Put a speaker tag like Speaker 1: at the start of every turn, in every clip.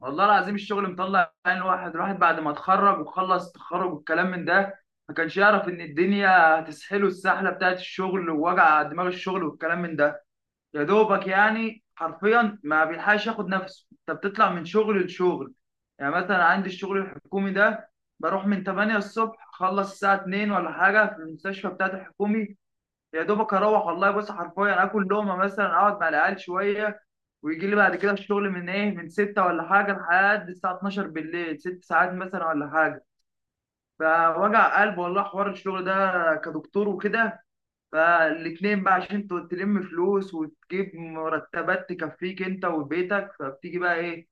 Speaker 1: والله العظيم الشغل مطلع عين الواحد بعد ما اتخرج وخلص تخرج والكلام من ده، ما كانش يعرف ان الدنيا هتسحله السحله بتاعت الشغل ووجع دماغ الشغل والكلام من ده. يا دوبك يعني حرفيا ما بيلحقش ياخد نفسه، انت بتطلع من شغل لشغل. يعني مثلا عندي الشغل الحكومي ده، بروح من 8 الصبح اخلص الساعه 2 ولا حاجه في المستشفى بتاعت الحكومي. يا دوبك اروح والله، بص حرفيا اكل لقمه مثلا، اقعد مع العيال شويه، ويجي لي بعد كده الشغل من ايه، من 6 ولا حاجه لحد الساعه 12 بالليل، ست ساعات مثلا ولا حاجه. فوجع قلب والله حوار الشغل ده كدكتور وكده. فالاتنين بقى عشان تلم فلوس وتجيب مرتبات تكفيك انت وبيتك، فبتيجي بقى ايه؟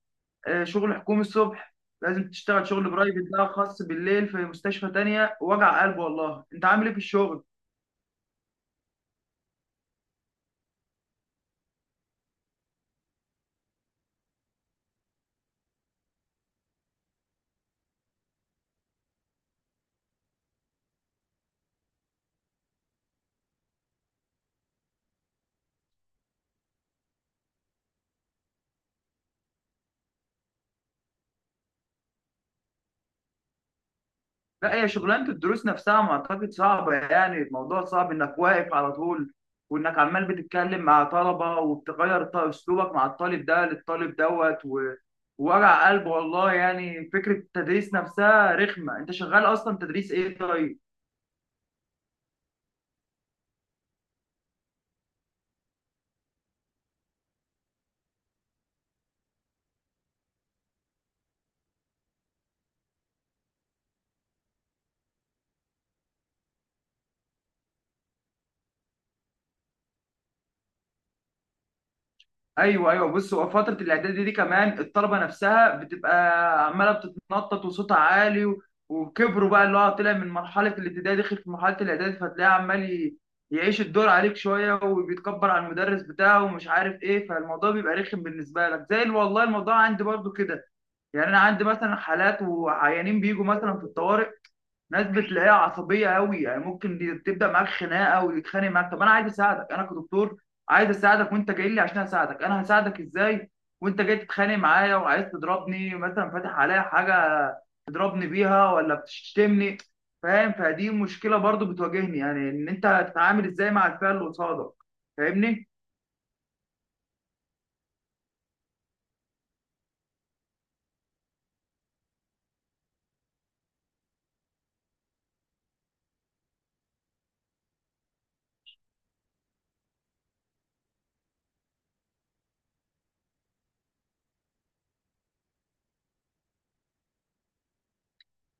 Speaker 1: شغل حكومي الصبح لازم تشتغل شغل برايفت بقى، خاص بالليل في مستشفى تانية. وجع قلب والله، انت عامل ايه في الشغل؟ لا، هي شغلانة الدروس نفسها ما أعتقد صعبة، يعني الموضوع صعب إنك واقف على طول، وإنك عمال بتتكلم مع طلبة وبتغير أسلوبك مع الطالب ده للطالب دوت ووجع قلب والله، يعني فكرة التدريس نفسها رخمة. أنت شغال أصلا تدريس إيه طيب؟ ايوه ايوه، بص هو فتره الاعداد دي كمان الطلبه نفسها بتبقى عماله بتتنطط وصوتها عالي وكبروا بقى، اللي هو طلع من مرحله الابتدائي دخل في مرحله الاعدادي، فتلاقيه عمال يعيش الدور عليك شويه، وبيتكبر على المدرس بتاعه ومش عارف ايه، فالموضوع بيبقى رخم بالنسبه لك زي والله الموضوع عندي برضو كده. يعني انا عندي مثلا حالات وعيانين بيجوا مثلا في الطوارئ، ناس بتلاقيها عصبيه قوي، يعني ممكن تبدا معاك خناقه ويتخانق معاك. طب انا عايز اساعدك، انا كدكتور عايز اساعدك، وانت جاي لي عشان اساعدك، انا هساعدك ازاي وانت جاي تتخانق معايا وعايز تضربني، مثلا فاتح عليا حاجه تضربني بيها ولا بتشتمني؟ فاهم؟ فدي مشكله برضو بتواجهني، يعني ان انت تتعامل ازاي مع الفئه اللي قصادك فاهمني.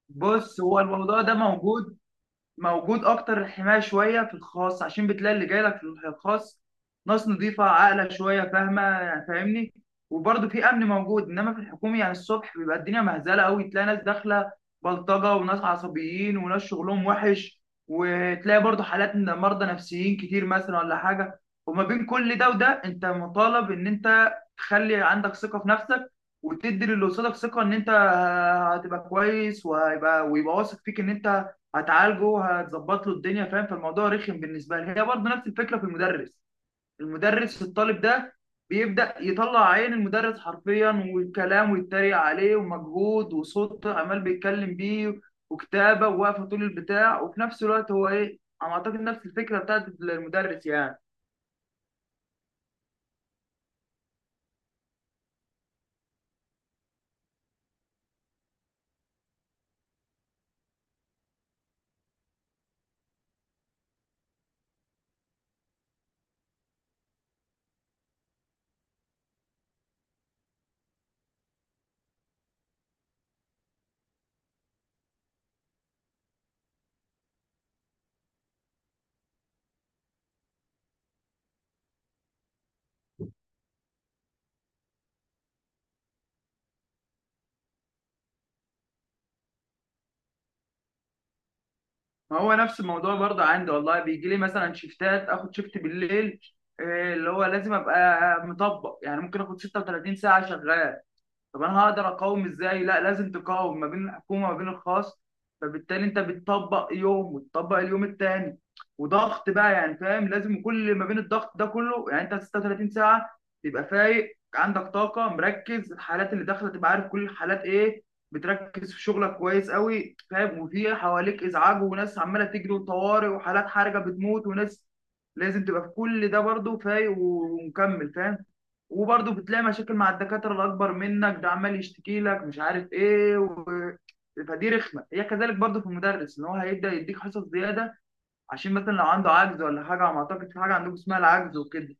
Speaker 1: بص هو الموضوع ده موجود، موجود اكتر. الحمايه شويه في الخاص عشان بتلاقي اللي جاي لك في الخاص ناس نظيفه عاقله شويه فاهمه، يعني فاهمني، وبرضه في امن موجود. انما في الحكومي يعني الصبح بيبقى الدنيا مهزله قوي، تلاقي ناس داخله بلطجه وناس عصبيين وناس شغلهم وحش، وتلاقي برضه حالات من مرضى نفسيين كتير مثلا ولا حاجه. وما بين كل ده وده انت مطالب ان انت تخلي عندك ثقه في نفسك، وتدي للي قصادك ثقه ان انت هتبقى كويس، وهيبقى ويبقى واثق فيك ان انت هتعالجه هتظبط له الدنيا فاهم. فالموضوع رخم بالنسبه لي. هي برضه نفس الفكره في المدرس، المدرس الطالب ده بيبدا يطلع عين المدرس حرفيا والكلام، ويتريق عليه، ومجهود وصوت عمال بيتكلم بيه، وكتابه وواقفه طول البتاع، وفي نفس الوقت هو ايه، انا اعتقد نفس الفكره بتاعت المدرس يعني. ما هو نفس الموضوع برضه عندي والله، بيجي لي مثلا شيفتات اخد شيفت بالليل، إيه اللي هو لازم ابقى مطبق، يعني ممكن اخد 36 ساعه شغال. طب انا هقدر اقاوم ازاي؟ لا لازم تقاوم ما بين الحكومه وما بين الخاص، فبالتالي انت بتطبق يوم وتطبق اليوم التاني، وضغط بقى يعني فاهم. لازم كل ما بين الضغط ده كله يعني انت 36 ساعه تبقى فايق عندك طاقه مركز، الحالات اللي داخله تبقى عارف كل الحالات ايه، بتركز في شغلك كويس قوي فاهم، وفي حواليك ازعاج وناس عماله تجري وطوارئ وحالات حرجه بتموت وناس، لازم تبقى في كل ده برضه فايق ومكمل فاهم. وبرضه بتلاقي مشاكل مع الدكاترة الأكبر منك ده عمال يشتكي لك مش عارف إيه و... فدي رخمة، هي كذلك برضه في المدرس، إن هو هيبدأ يديك حصص زيادة عشان مثلا لو عنده عجز ولا حاجة. أنا أعتقد في حاجة عندكم اسمها العجز وكده.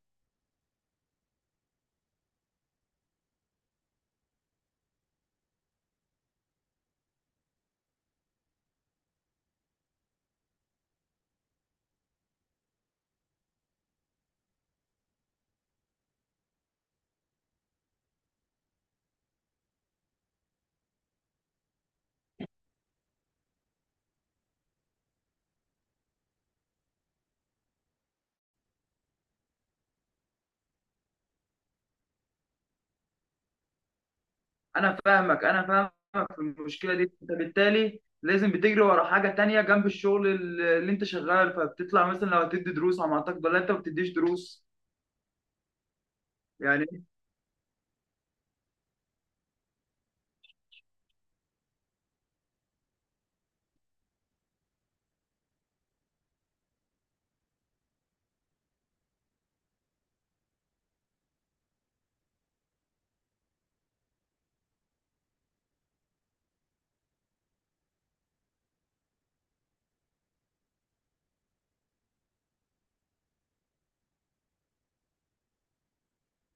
Speaker 1: أنا فاهمك في المشكلة دي، أنت بالتالي لازم بتجري ورا حاجة تانية جنب الشغل اللي أنت شغال، فبتطلع مثلا لو هتدي دروس على ما أعتقد، ولا أنت ما بتديش دروس؟ يعني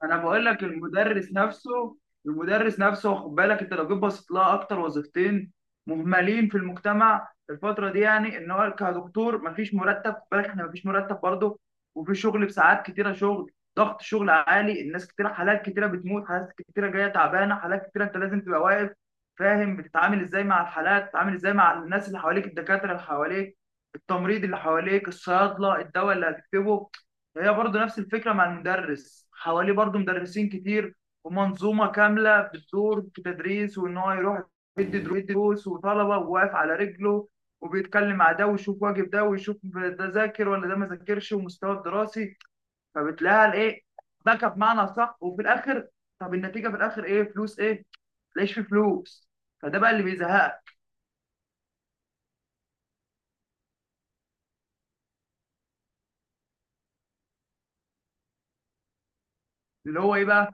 Speaker 1: انا بقول لك، المدرس نفسه خد بالك، انت لو جيت بصيت لها اكتر وظيفتين مهملين في المجتمع في الفتره دي، يعني ان هو كدكتور مفيش مرتب، خد بالك احنا مفيش مرتب برضه، وفي شغل بساعات كتيره، شغل ضغط شغل عالي، الناس كتيره، حالات كتيره بتموت، حالات كتيره جايه تعبانه، حالات كتيره، انت لازم تبقى واقف فاهم، بتتعامل ازاي مع الحالات، بتتعامل ازاي مع الناس اللي حواليك، الدكاتره اللي حواليك، التمريض اللي حواليك، الصيادله، الدواء اللي هتكتبه. هي برضو نفس الفكرة مع المدرس، حواليه برضو مدرسين كتير ومنظومة كاملة بتدور في التدريس، وإن هو يروح يدي يدي دروس وطلبة وواقف على رجله، وبيتكلم مع ده ويشوف واجب ده ويشوف ده ذاكر ولا ده ما ذاكرش ومستواه الدراسي، فبتلاقيها الإيه، باكة بمعنى صح. وفي الآخر، طب النتيجة في الآخر إيه؟ فلوس إيه؟ متلاقيش فيه فلوس. فده بقى اللي بيزهقك. اللي هو إيه بقى؟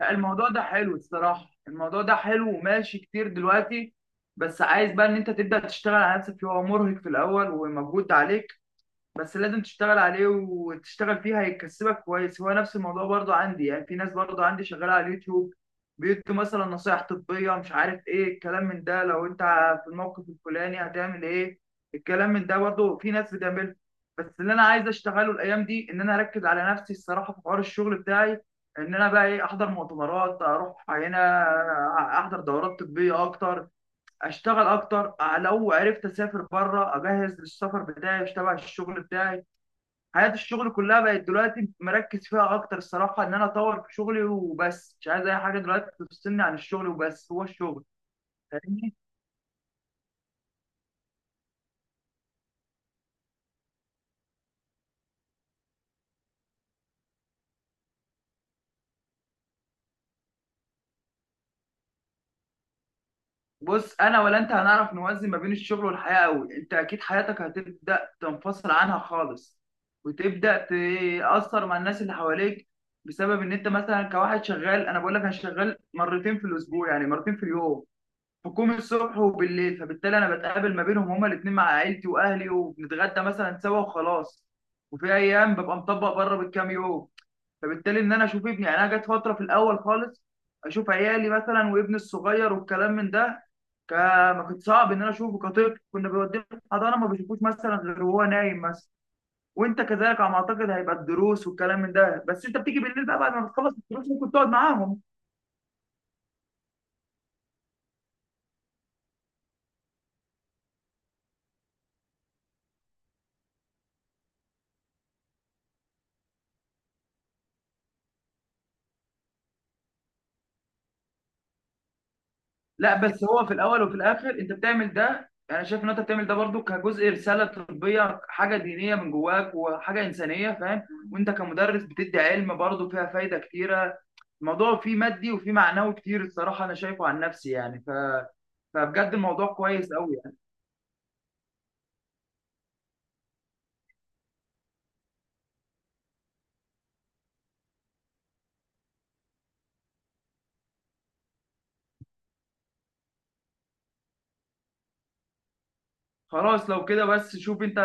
Speaker 1: لا، الموضوع ده حلو الصراحة، الموضوع ده حلو وماشي كتير دلوقتي، بس عايز بقى ان انت تبدأ تشتغل على نفسك فيه، هو مرهق في الاول ومجهود عليك، بس لازم تشتغل عليه وتشتغل فيه هيكسبك كويس. هو نفس الموضوع برضو عندي، يعني في ناس برضو عندي شغالة على اليوتيوب بيدوا مثلا نصايح طبية مش عارف ايه الكلام من ده، لو انت في الموقف الفلاني هتعمل ايه، الكلام من ده برضو في ناس بتعمله. بس اللي انا عايز اشتغله الايام دي ان انا اركز على نفسي الصراحة في حوار الشغل بتاعي، ان انا بقى ايه احضر مؤتمرات، اروح هنا احضر دورات طبية اكتر، اشتغل اكتر، لو عرفت اسافر بره اجهز للسفر بتاعي تبع الشغل بتاعي. حياة الشغل كلها بقت دلوقتي مركز فيها اكتر الصراحة، ان انا اطور في شغلي وبس، مش عايز اي حاجة دلوقتي تفصلني عن الشغل، وبس هو الشغل فاهمني. بص انا ولا انت هنعرف نوازن ما بين الشغل والحياة قوي، انت اكيد حياتك هتبدأ تنفصل عنها خالص، وتبدأ تأثر مع الناس اللي حواليك بسبب ان انت مثلا كواحد شغال. انا بقول لك انا شغال مرتين في الاسبوع، يعني مرتين في اليوم، حكومي الصبح وبالليل، فبالتالي انا بتقابل ما بينهم هما الاتنين مع عيلتي واهلي، وبنتغدى مثلا سوا وخلاص، وفي ايام ببقى مطبق بره بالكام يوم. فبالتالي ان انا اشوف ابني، يعني انا جت فتره في الاول خالص، اشوف عيالي مثلا وابني الصغير والكلام من ده، ك- ما كنت صعب ان انا اشوفه كطفل، كنا بنوديه الحضانه ما بشوفوش مثلا غير وهو نايم مثلا. وانت كذلك على ما اعتقد هيبقى الدروس والكلام من ده، بس انت بتيجي بالليل بقى بعد ما بتخلص الدروس ممكن تقعد معاهم. لا، بس هو في الاول وفي الاخر انت بتعمل ده، انا شايف ان انت بتعمل ده برضو كجزء رساله طبيه حاجه دينيه من جواك وحاجه انسانيه فاهم، وانت كمدرس بتدي علم برضو فيها فايده كتيره. الموضوع فيه مادي وفيه معنوي كتير الصراحه انا شايفه عن نفسي يعني ف... فبجد الموضوع كويس قوي يعني. خلاص، لو كده بس شوف انت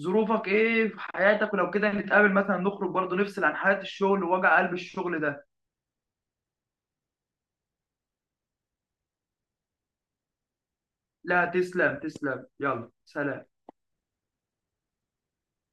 Speaker 1: ظروفك ايه في حياتك، ولو كده نتقابل مثلا نخرج برضو نفصل عن حياه الشغل ووجع قلب الشغل ده. لا تسلم تسلم، يلا سلام.